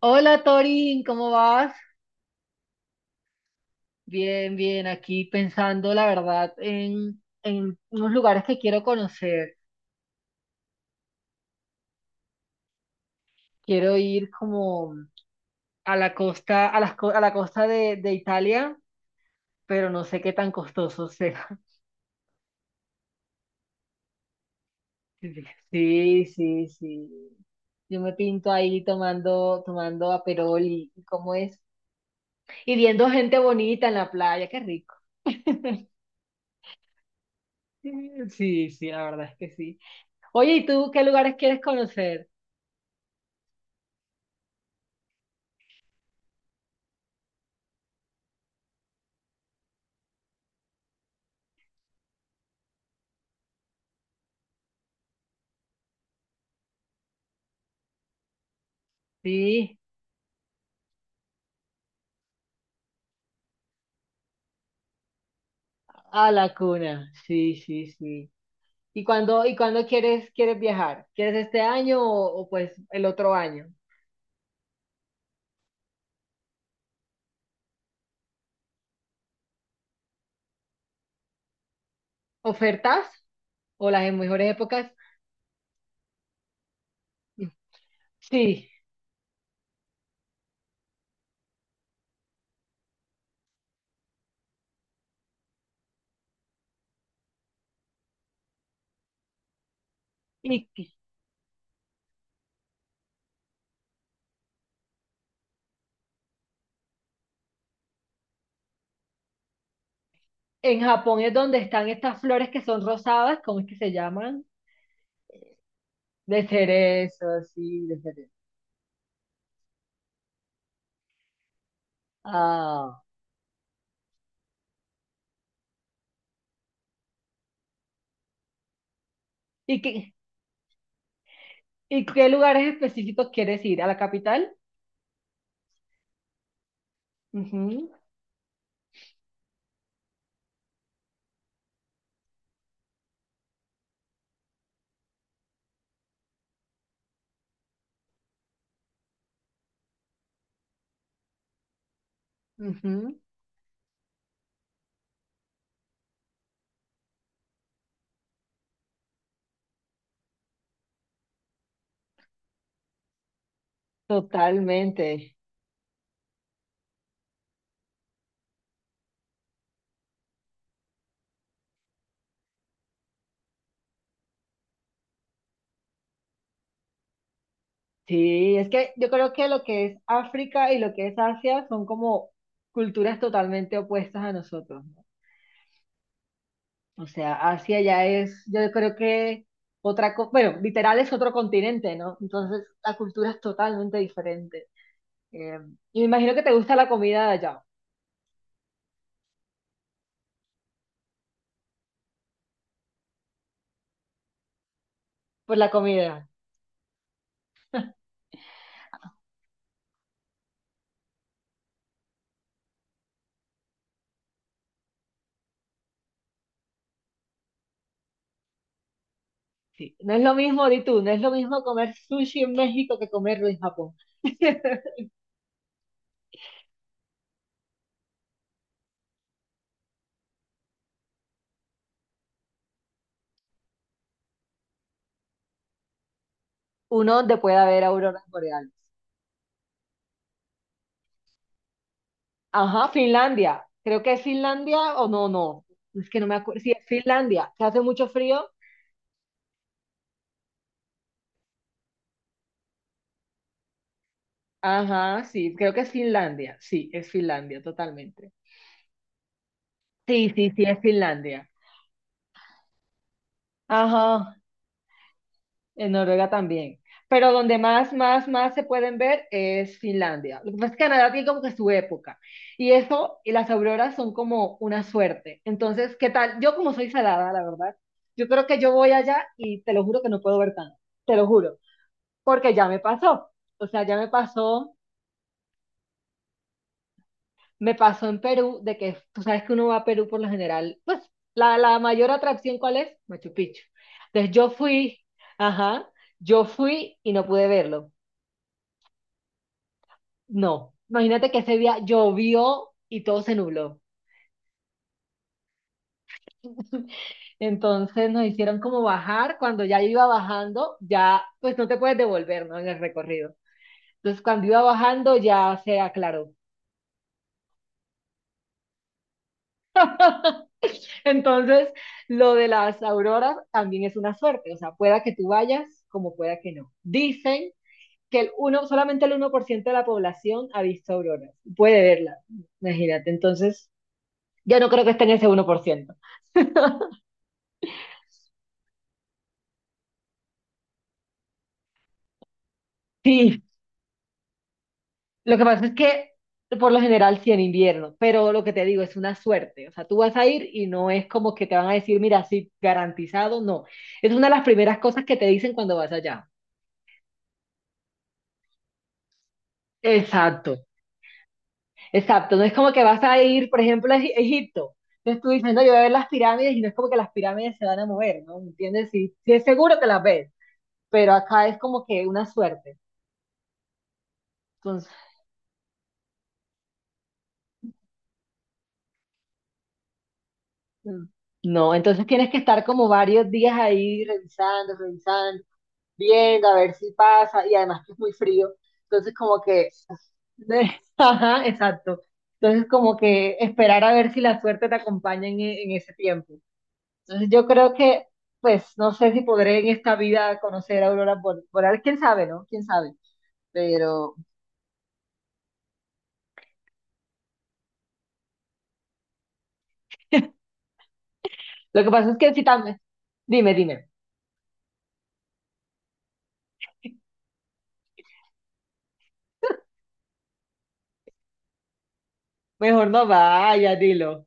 Hola Torin, ¿cómo vas? Bien, bien, aquí pensando la verdad en unos lugares que quiero conocer. Quiero ir como a la costa, a la costa de Italia, pero no sé qué tan costoso sea. Sí, sí, sí. Yo me pinto ahí tomando aperol y cómo es. Y viendo gente bonita en la playa, qué rico. Sí, sí, sí, la verdad es que sí. Oye, ¿y tú qué lugares quieres conocer? Sí. A la cuna, sí, sí, sí. ¿Y cuándo quieres, quieres viajar? ¿Quieres este año pues el otro año? ¿Ofertas o las en mejores épocas? Sí. Y en Japón es donde están estas flores que son rosadas, ¿cómo es que se llaman? De cerezo, sí, de cerezo. Ah. ¿Y qué lugares específicos quieres ir? ¿A la capital? Ujú, ujú. Totalmente. Sí, es que yo creo que lo que es África y lo que es Asia son como culturas totalmente opuestas a nosotros, ¿no? O sea, Asia ya es, yo creo que bueno, literal es otro continente, ¿no? Entonces la cultura es totalmente diferente. Eh, y me imagino que te gusta la comida de allá, por la comida, sí. No es lo mismo, di tú, no es lo mismo comer sushi en México que comerlo en Japón. Uno donde pueda ver auroras boreales. Ajá, Finlandia. Creo que es Finlandia o no, no. Es que no me acuerdo. Sí, es Finlandia, que hace mucho frío. Ajá, sí, creo que es Finlandia. Sí, es Finlandia, totalmente. Sí, sí, sí, es Finlandia. Ajá, en Noruega también. Pero donde más, más, más se pueden ver es Finlandia. Lo que pasa es que Canadá tiene como que su época. Y eso, y las auroras son como una suerte. Entonces, ¿qué tal? Yo como soy salada, la verdad, yo creo que yo voy allá y te lo juro que no puedo ver tanto. Te lo juro, porque ya me pasó. O sea, ya me pasó en Perú, de que tú sabes que uno va a Perú por lo general, pues la mayor atracción, ¿cuál es? Machu Picchu. Entonces yo fui, ajá, yo fui y no pude verlo. No, imagínate que ese día llovió y todo se nubló. Entonces nos hicieron como bajar, cuando ya yo iba bajando, ya pues no te puedes devolver, ¿no? En el recorrido. Entonces cuando iba bajando ya se aclaró. Entonces, lo de las auroras también es una suerte, o sea, pueda que tú vayas como pueda que no. Dicen que solamente el 1% de la población ha visto auroras, puede verlas, imagínate. Entonces, ya no creo que esté en ese 1%. Sí, lo que pasa es que por lo general sí en invierno, pero lo que te digo es una suerte, o sea, tú vas a ir y no es como que te van a decir, mira, sí, garantizado, no. Es una de las primeras cosas que te dicen cuando vas allá. Exacto, exacto, no es como que vas a ir, por ejemplo, Egipto. Entonces tú dices, no, yo voy a ver las pirámides y no es como que las pirámides se van a mover, ¿no? ¿Entiendes? Sí, sí es seguro que las ves, pero acá es como que una suerte. Entonces, mm, no, entonces tienes que estar como varios días ahí viendo a ver si pasa y además que es muy frío. Entonces como que, ajá, exacto. Entonces como que esperar a ver si la suerte te acompaña en, en ese tiempo. Entonces yo creo que, pues, no sé si podré en esta vida conocer a Boreal, quién sabe, ¿no? Quién sabe. Pero lo que pasa es que si también, dime, dime, mejor no vaya, dilo.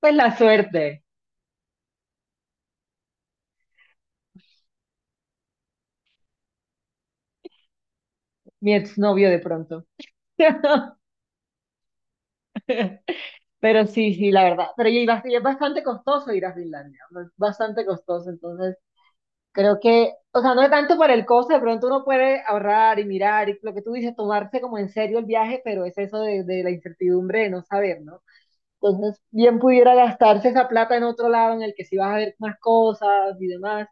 Pues la suerte, mi exnovio de pronto. Pero sí, sí, la verdad. Pero y es bastante costoso ir a Finlandia, ¿no? Es bastante costoso. Entonces, creo que, o sea, no es tanto por el costo, de pronto uno puede ahorrar y mirar y lo que tú dices, tomarse como en serio el viaje, pero es eso de la incertidumbre de no saber, ¿no? Entonces, bien pudiera gastarse esa plata en otro lado en el que sí vas a ver más cosas y demás.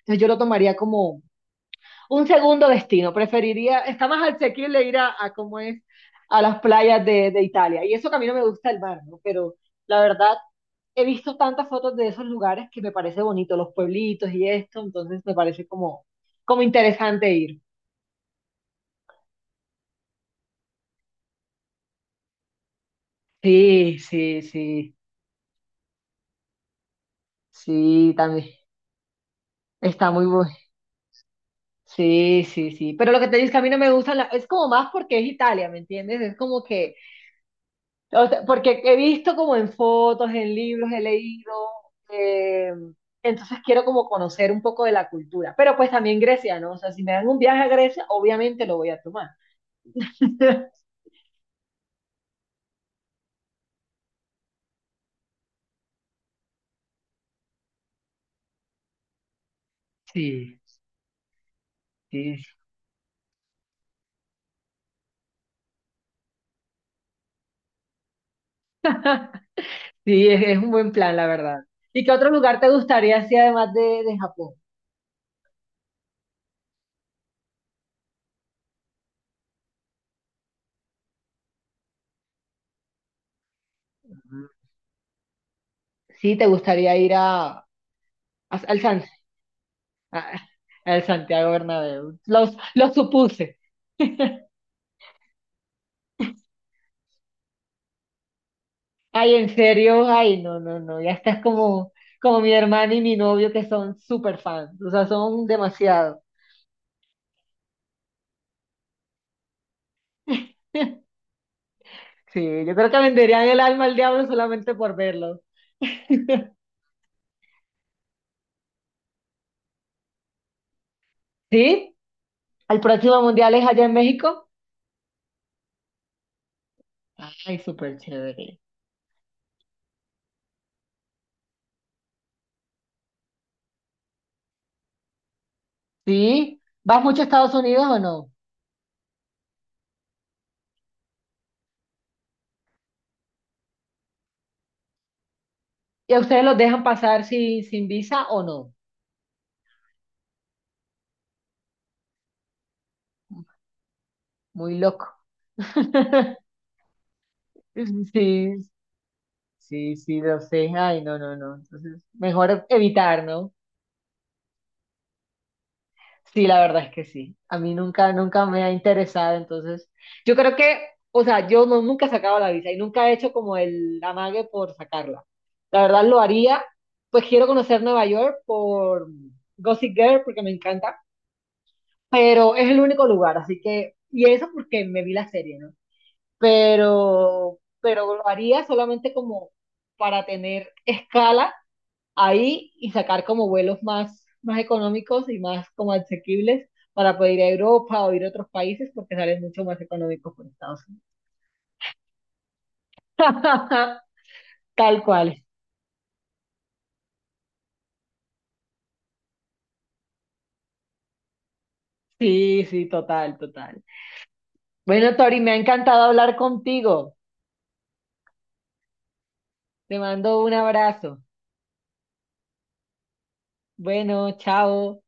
Entonces, yo lo tomaría como un segundo destino. Preferiría, está más asequible ir a cómo es, a las playas de Italia. Y eso que a mí no me gusta el mar, ¿no? Pero la verdad, he visto tantas fotos de esos lugares que me parece bonito, los pueblitos y esto. Entonces, me parece como, como interesante ir. Sí, sí, sí, sí, también. Está muy bueno. Sí, sí, sí. Pero lo que te digo es que a mí no me gustan, es como más porque es Italia, ¿me entiendes? Es como que, o sea, porque he visto como en fotos, en libros, he leído, eh, entonces quiero como conocer un poco de la cultura. Pero pues también Grecia, ¿no? O sea, si me dan un viaje a Grecia, obviamente lo voy a tomar. Sí, sí, sí, sí, es un buen plan, la verdad. ¿Y qué otro lugar te gustaría, si además de Japón? Ujú. Sí, te gustaría ir a, al San, ah, el Santiago Bernabéu. Los, lo supuse. Ay, en serio, ay, no, no, no. Ya estás como, como mi hermana y mi novio que son súper fans. O sea, son demasiado. Sí, yo creo que venderían el alma al diablo solamente por verlo. ¿Sí? ¿El próximo mundial es allá en México? Ay, súper chévere. ¿Sí? ¿Vas mucho a Estados Unidos o no? ¿Y a ustedes los dejan pasar sin visa o no? Muy loco. Sí, sí, sí, lo sé. Ay, no, no, no. Entonces, mejor evitar, ¿no? Sí, la verdad es que sí. A mí nunca, nunca me ha interesado. Entonces, yo creo que, o sea, yo no, nunca he sacado la visa y nunca he hecho como el amague por sacarla. La verdad lo haría. Pues quiero conocer Nueva York por Gossip Girl porque me encanta, pero es el único lugar, así que, y eso porque me vi la serie, ¿no? Pero lo haría solamente como para tener escala ahí y sacar como vuelos más, más económicos y más como asequibles para poder ir a Europa o ir a otros países porque salen mucho más económicos por Estados Unidos. Tal cual. Sí, sí, total, total. Bueno, Tori, me ha encantado hablar contigo. Te mando un abrazo. Bueno, chao.